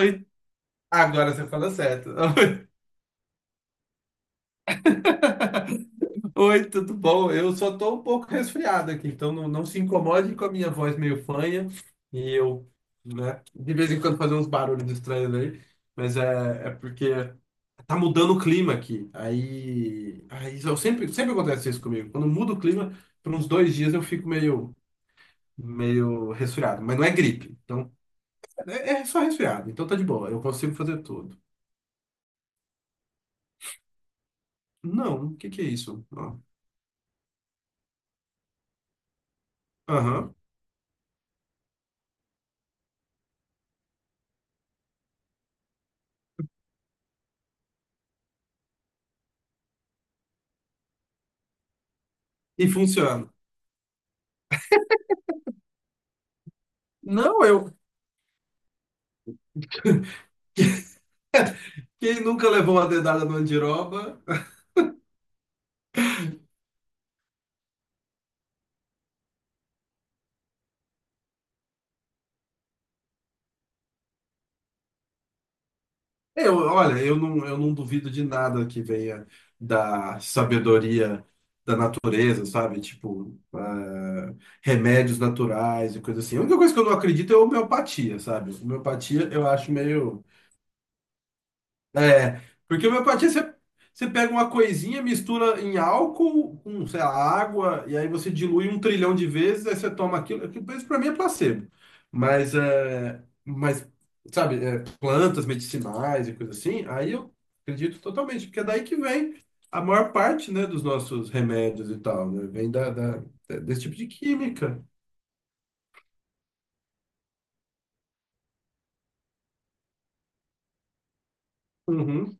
Oi, agora você fala certo. Oi, tudo bom? Eu só tô um pouco resfriado aqui, então não se incomode com a minha voz meio fanha e eu, né, de vez em quando fazer uns barulhos estranhos aí, mas é porque tá mudando o clima aqui. Aí, eu sempre acontece isso comigo. Quando muda o clima, por uns dois dias eu fico meio resfriado, mas não é gripe, então é só resfriado, então tá de boa, eu consigo fazer tudo. Não, o que que é isso? Ó, aham. E funciona. Não, eu. Quem nunca levou uma dedada no andiroba? Eu, olha, eu não duvido de nada que venha da sabedoria da natureza, sabe? Tipo, ah, remédios naturais e coisa assim. A única coisa que eu não acredito é homeopatia, sabe? Homeopatia eu acho meio. É, porque homeopatia você pega uma coisinha, mistura em álcool com, sei lá, água, e aí você dilui um trilhão de vezes, aí você toma Isso pra mim é placebo. Mas, é, mas sabe, é, plantas medicinais e coisa assim, aí eu acredito totalmente, porque é daí que vem a maior parte, né, dos nossos remédios e tal, né? Vem da desse tipo de química. Uhum,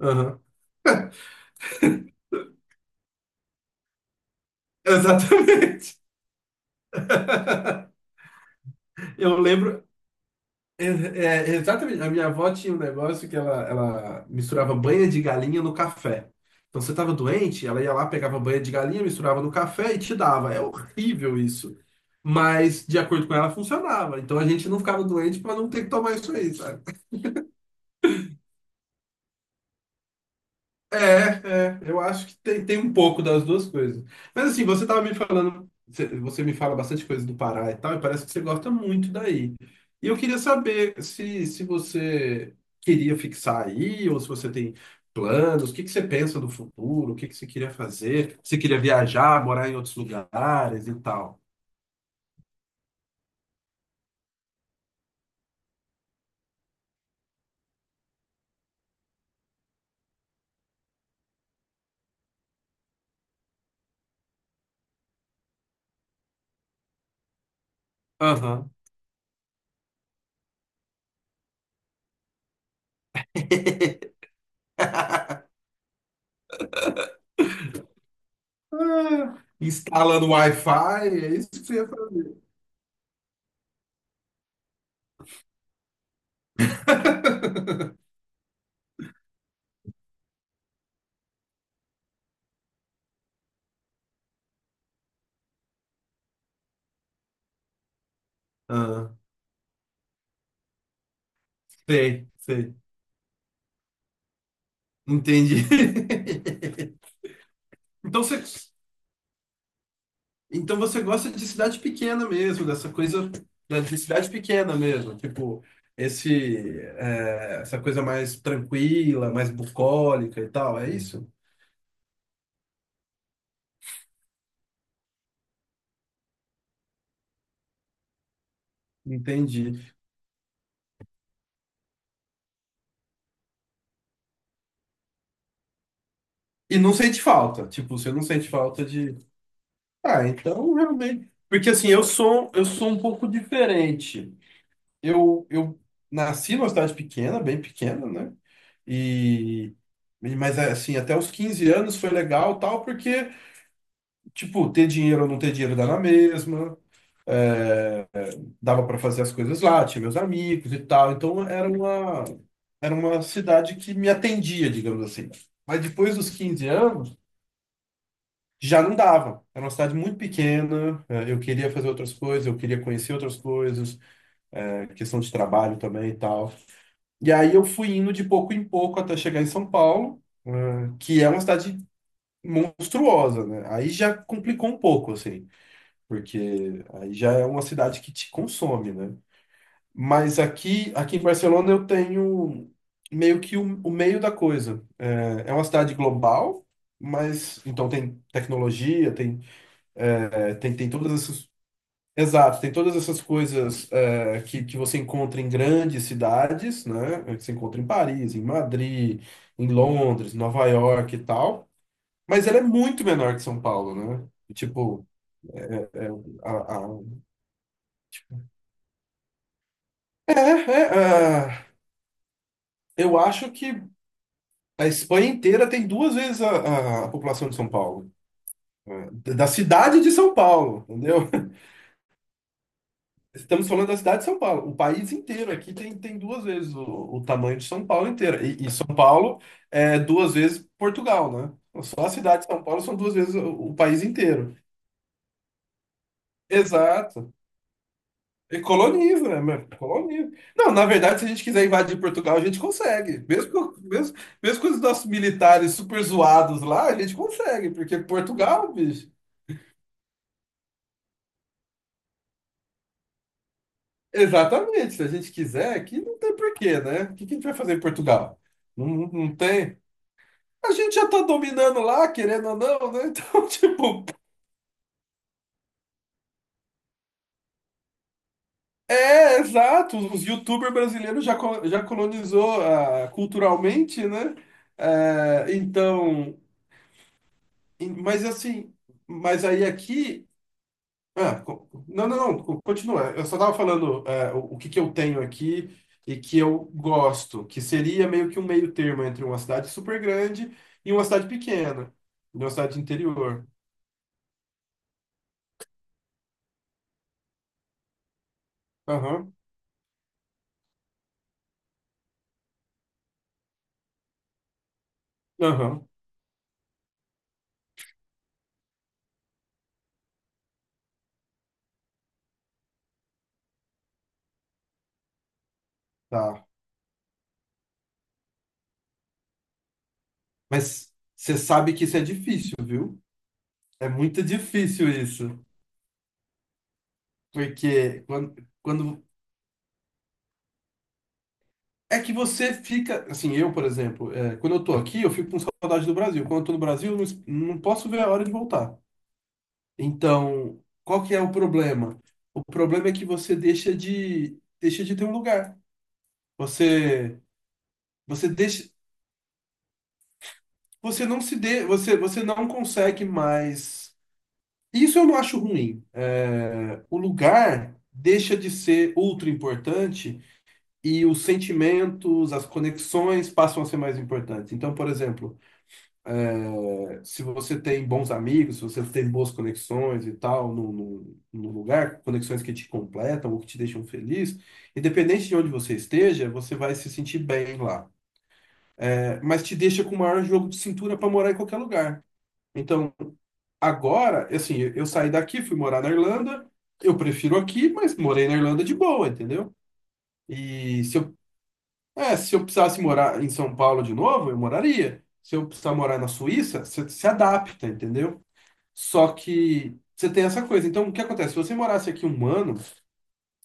aham. Exatamente. Eu lembro, é, é, exatamente. A minha avó tinha um negócio que ela misturava banha de galinha no café. Então você estava doente, ela ia lá, pegava banha de galinha, misturava no café e te dava. É horrível isso. Mas, de acordo com ela, funcionava. Então a gente não ficava doente para não ter que tomar isso aí, sabe? É, é, eu acho que tem um pouco das duas coisas. Mas assim, você tava me falando, você me fala bastante coisa do Pará e tal, e parece que você gosta muito daí. E eu queria saber se você queria fixar aí, ou se você tem planos, o que que você pensa do futuro, o que que você queria fazer, se você queria viajar, morar em outros lugares e tal. Aham. Ah, instalando Wi-Fi, é isso que você ia fazer. Ah, sei, sei. Entendi. Então você, então você gosta de cidade pequena mesmo, dessa de cidade pequena mesmo, tipo esse é, essa coisa mais tranquila, mais bucólica e tal, é isso? Entendi. E não sente falta, tipo, você não sente falta de. Ah, então realmente. Porque assim, eu sou um pouco diferente. Eu nasci numa cidade pequena, bem pequena, né? E mas assim, até os 15 anos foi legal, tal, porque tipo, ter dinheiro ou não ter dinheiro dá na mesma, dava para fazer as coisas lá, tinha meus amigos e tal, então era era uma cidade que me atendia, digamos assim. Mas depois dos 15 anos, já não dava. Era uma cidade muito pequena, eu queria fazer outras coisas, eu queria conhecer outras coisas, questão de trabalho também e tal. E aí eu fui indo de pouco em pouco até chegar em São Paulo, que é uma cidade monstruosa, né? Aí já complicou um pouco, assim. Porque aí já é uma cidade que te consome, né? Mas aqui em Barcelona eu tenho meio que o meio da coisa. É, é uma cidade global, mas então tem tecnologia, tem, é, tem todas essas. Exato, tem todas essas coisas é, que você encontra em grandes cidades, né? É, Que você encontra em Paris, em Madrid, em Londres, Nova York e tal. Mas ela é muito menor que São Paulo, né? Tipo, é, a, a- é, eu acho que a Espanha inteira tem duas vezes a população de São Paulo. É, da cidade de São Paulo, entendeu? Estamos falando da cidade de São Paulo. O país inteiro aqui tem duas vezes o tamanho de São Paulo inteira. E São Paulo é duas vezes Portugal, né? Só a cidade de São Paulo são duas vezes o país inteiro. Exato. E coloniza, né? Meu? Coloniza. Não, na verdade, se a gente quiser invadir Portugal, a gente consegue. Mesmo, com- mesmo com os nossos militares super zoados lá, a gente consegue, porque Portugal, bicho. Exatamente. Se a gente quiser, aqui não tem porquê, né? O que que a gente vai fazer em Portugal? Não, não tem. A gente já tá dominando lá, querendo ou não, né? Então, tipo, é, exato. Os YouTubers brasileiros já, co- já colonizou ah, culturalmente, né? É, então. E- mas assim, mas aí aqui. Ah, co- não, co- continua. Eu só estava falando é, o que que eu tenho aqui e que eu gosto, que seria meio que um meio termo entre uma cidade super grande e uma cidade pequena, e uma cidade interior. Aham, aham, tá. Mas você sabe que isso é difícil, viu? É muito difícil isso. Porque quando é que você fica, assim, eu, por exemplo, é, quando eu tô aqui, eu fico com saudade do Brasil. Quando eu tô no Brasil, eu não, es- não posso ver a hora de voltar. Então, qual que é o problema? O problema é que você deixa de ter um lugar. Você, você deixa, você não se dê, você não consegue mais. Isso eu não acho ruim. É, o lugar deixa de ser ultra importante e os sentimentos, as conexões passam a ser mais importantes. Então, por exemplo, é, se você tem bons amigos, se você tem boas conexões e tal no lugar, conexões que te completam ou que te deixam feliz, independente de onde você esteja, você vai se sentir bem lá. É, mas te deixa com o maior jogo de cintura para morar em qualquer lugar. Então, agora, assim, eu saí daqui, fui morar na Irlanda, eu prefiro aqui, mas morei na Irlanda de boa, entendeu? E se eu, é, se eu precisasse morar em São Paulo de novo, eu moraria. Se eu precisar morar na Suíça, você se adapta, entendeu? Só que você tem essa coisa. Então, o que acontece? Se você morasse aqui um ano,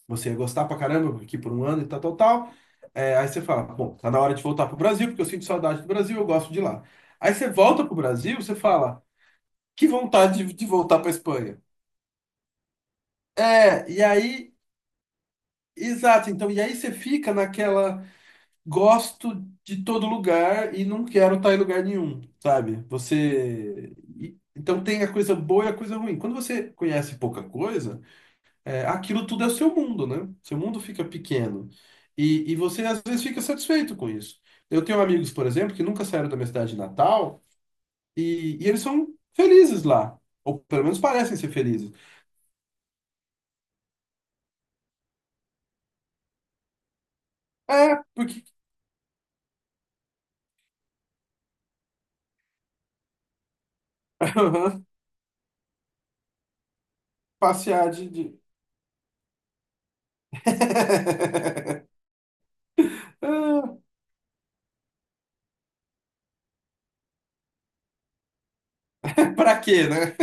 você ia gostar pra caramba aqui por um ano e tal, tal, tal. É, aí você fala, bom, tá na hora de voltar pro Brasil, porque eu sinto saudade do Brasil, eu gosto de lá. Aí você volta pro Brasil, você fala, que vontade de voltar pra Espanha. É, e aí, exato. Então, e aí você fica naquela, gosto de todo lugar e não quero estar em lugar nenhum, sabe? Você. E- Então tem a coisa boa e a coisa ruim. Quando você conhece pouca coisa. É, aquilo tudo é seu mundo, né? Seu mundo fica pequeno. E você, às vezes, fica satisfeito com isso. Eu tenho amigos, por exemplo, que nunca saíram da minha cidade natal e eles são felizes lá. Ou pelo menos parecem ser felizes. É, porque. Aham, passear de. De- Ah, pra quê, né?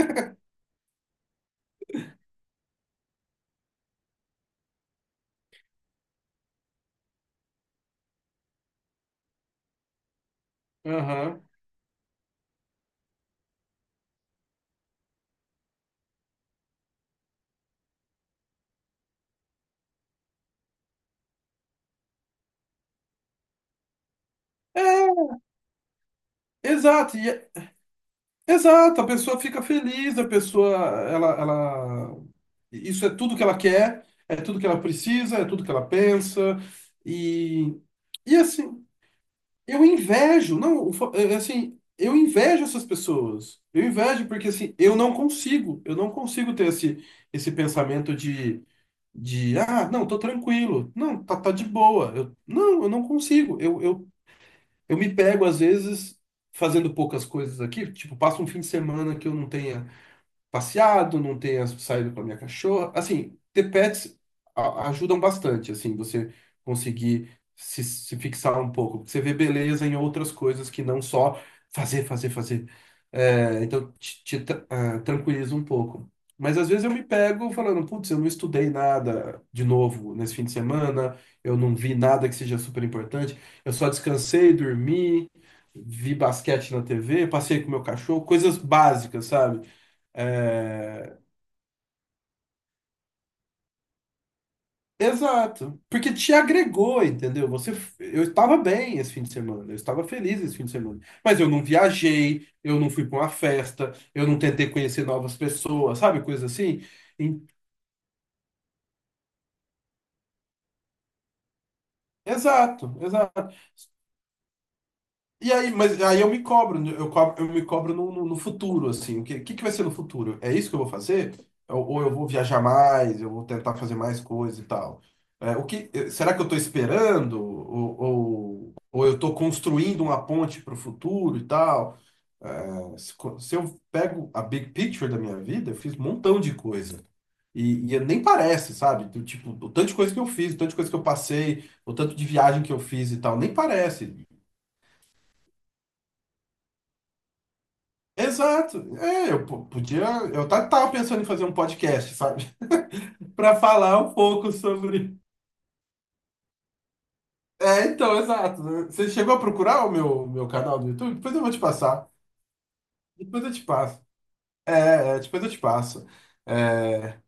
Aham. É, exato. E, exato, a pessoa fica feliz, a pessoa, ela, isso é tudo que ela quer, é tudo que ela precisa, é tudo que ela pensa, e, e assim, eu invejo, não, o fa- é, é assim, eu invejo essas pessoas, eu invejo porque, assim, eu não consigo ter esse, esse pensamento ah, não, tô tranquilo, não, tá, tá de boa, eu não consigo, eu me pego, às vezes, fazendo poucas coisas aqui, tipo, passo um fim de semana que eu não tenha passeado, não tenha saído com a minha cachorra. Assim, ter pets a- ajudam bastante, assim, você conseguir se fixar um pouco. Porque você vê beleza em outras coisas que não só fazer, fazer, fazer. É, então, ah, tranquiliza um pouco. Mas às vezes eu me pego falando, putz, eu não estudei nada de novo nesse fim de semana, eu não vi nada que seja super importante, eu só descansei, dormi, vi basquete na TV, passei com meu cachorro, coisas básicas, sabe? É, exato, porque te agregou, entendeu? Você, eu estava bem esse fim de semana, eu estava feliz esse fim de semana, mas eu não viajei, eu não fui para uma festa, eu não tentei conhecer novas pessoas, sabe? Coisa assim. E- exato, exato. E aí, mas aí eu me cobro, né? Eu me cobro no futuro, assim, o que, que vai ser no futuro? É isso que eu vou fazer? Ou eu vou viajar mais, eu vou tentar fazer mais coisas e tal? É, o que, eh, será que eu estou esperando? Ou, ou eu estou construindo uma ponte para o futuro e tal? É, se eu pego a big picture da minha vida, eu fiz um montão de coisa. E nem parece, sabe? Do tipo, o tanto de coisa que eu fiz, o tanto de coisa que eu passei, o tanto de viagem que eu fiz e tal, nem parece. Exato. É, eu po- podia. Eu tá- tava pensando em fazer um podcast, sabe? Pra falar um pouco sobre. É, então, exato. Você chegou a procurar o meu canal do YouTube? Depois eu vou te passar. Depois eu te passo. É, depois eu te passo. É...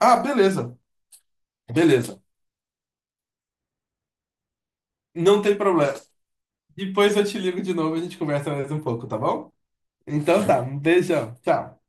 Ah, beleza. Beleza. Não tem problema. Depois eu te ligo de novo e a gente conversa mais um pouco, tá bom? Então tá. Um beijão. Tchau.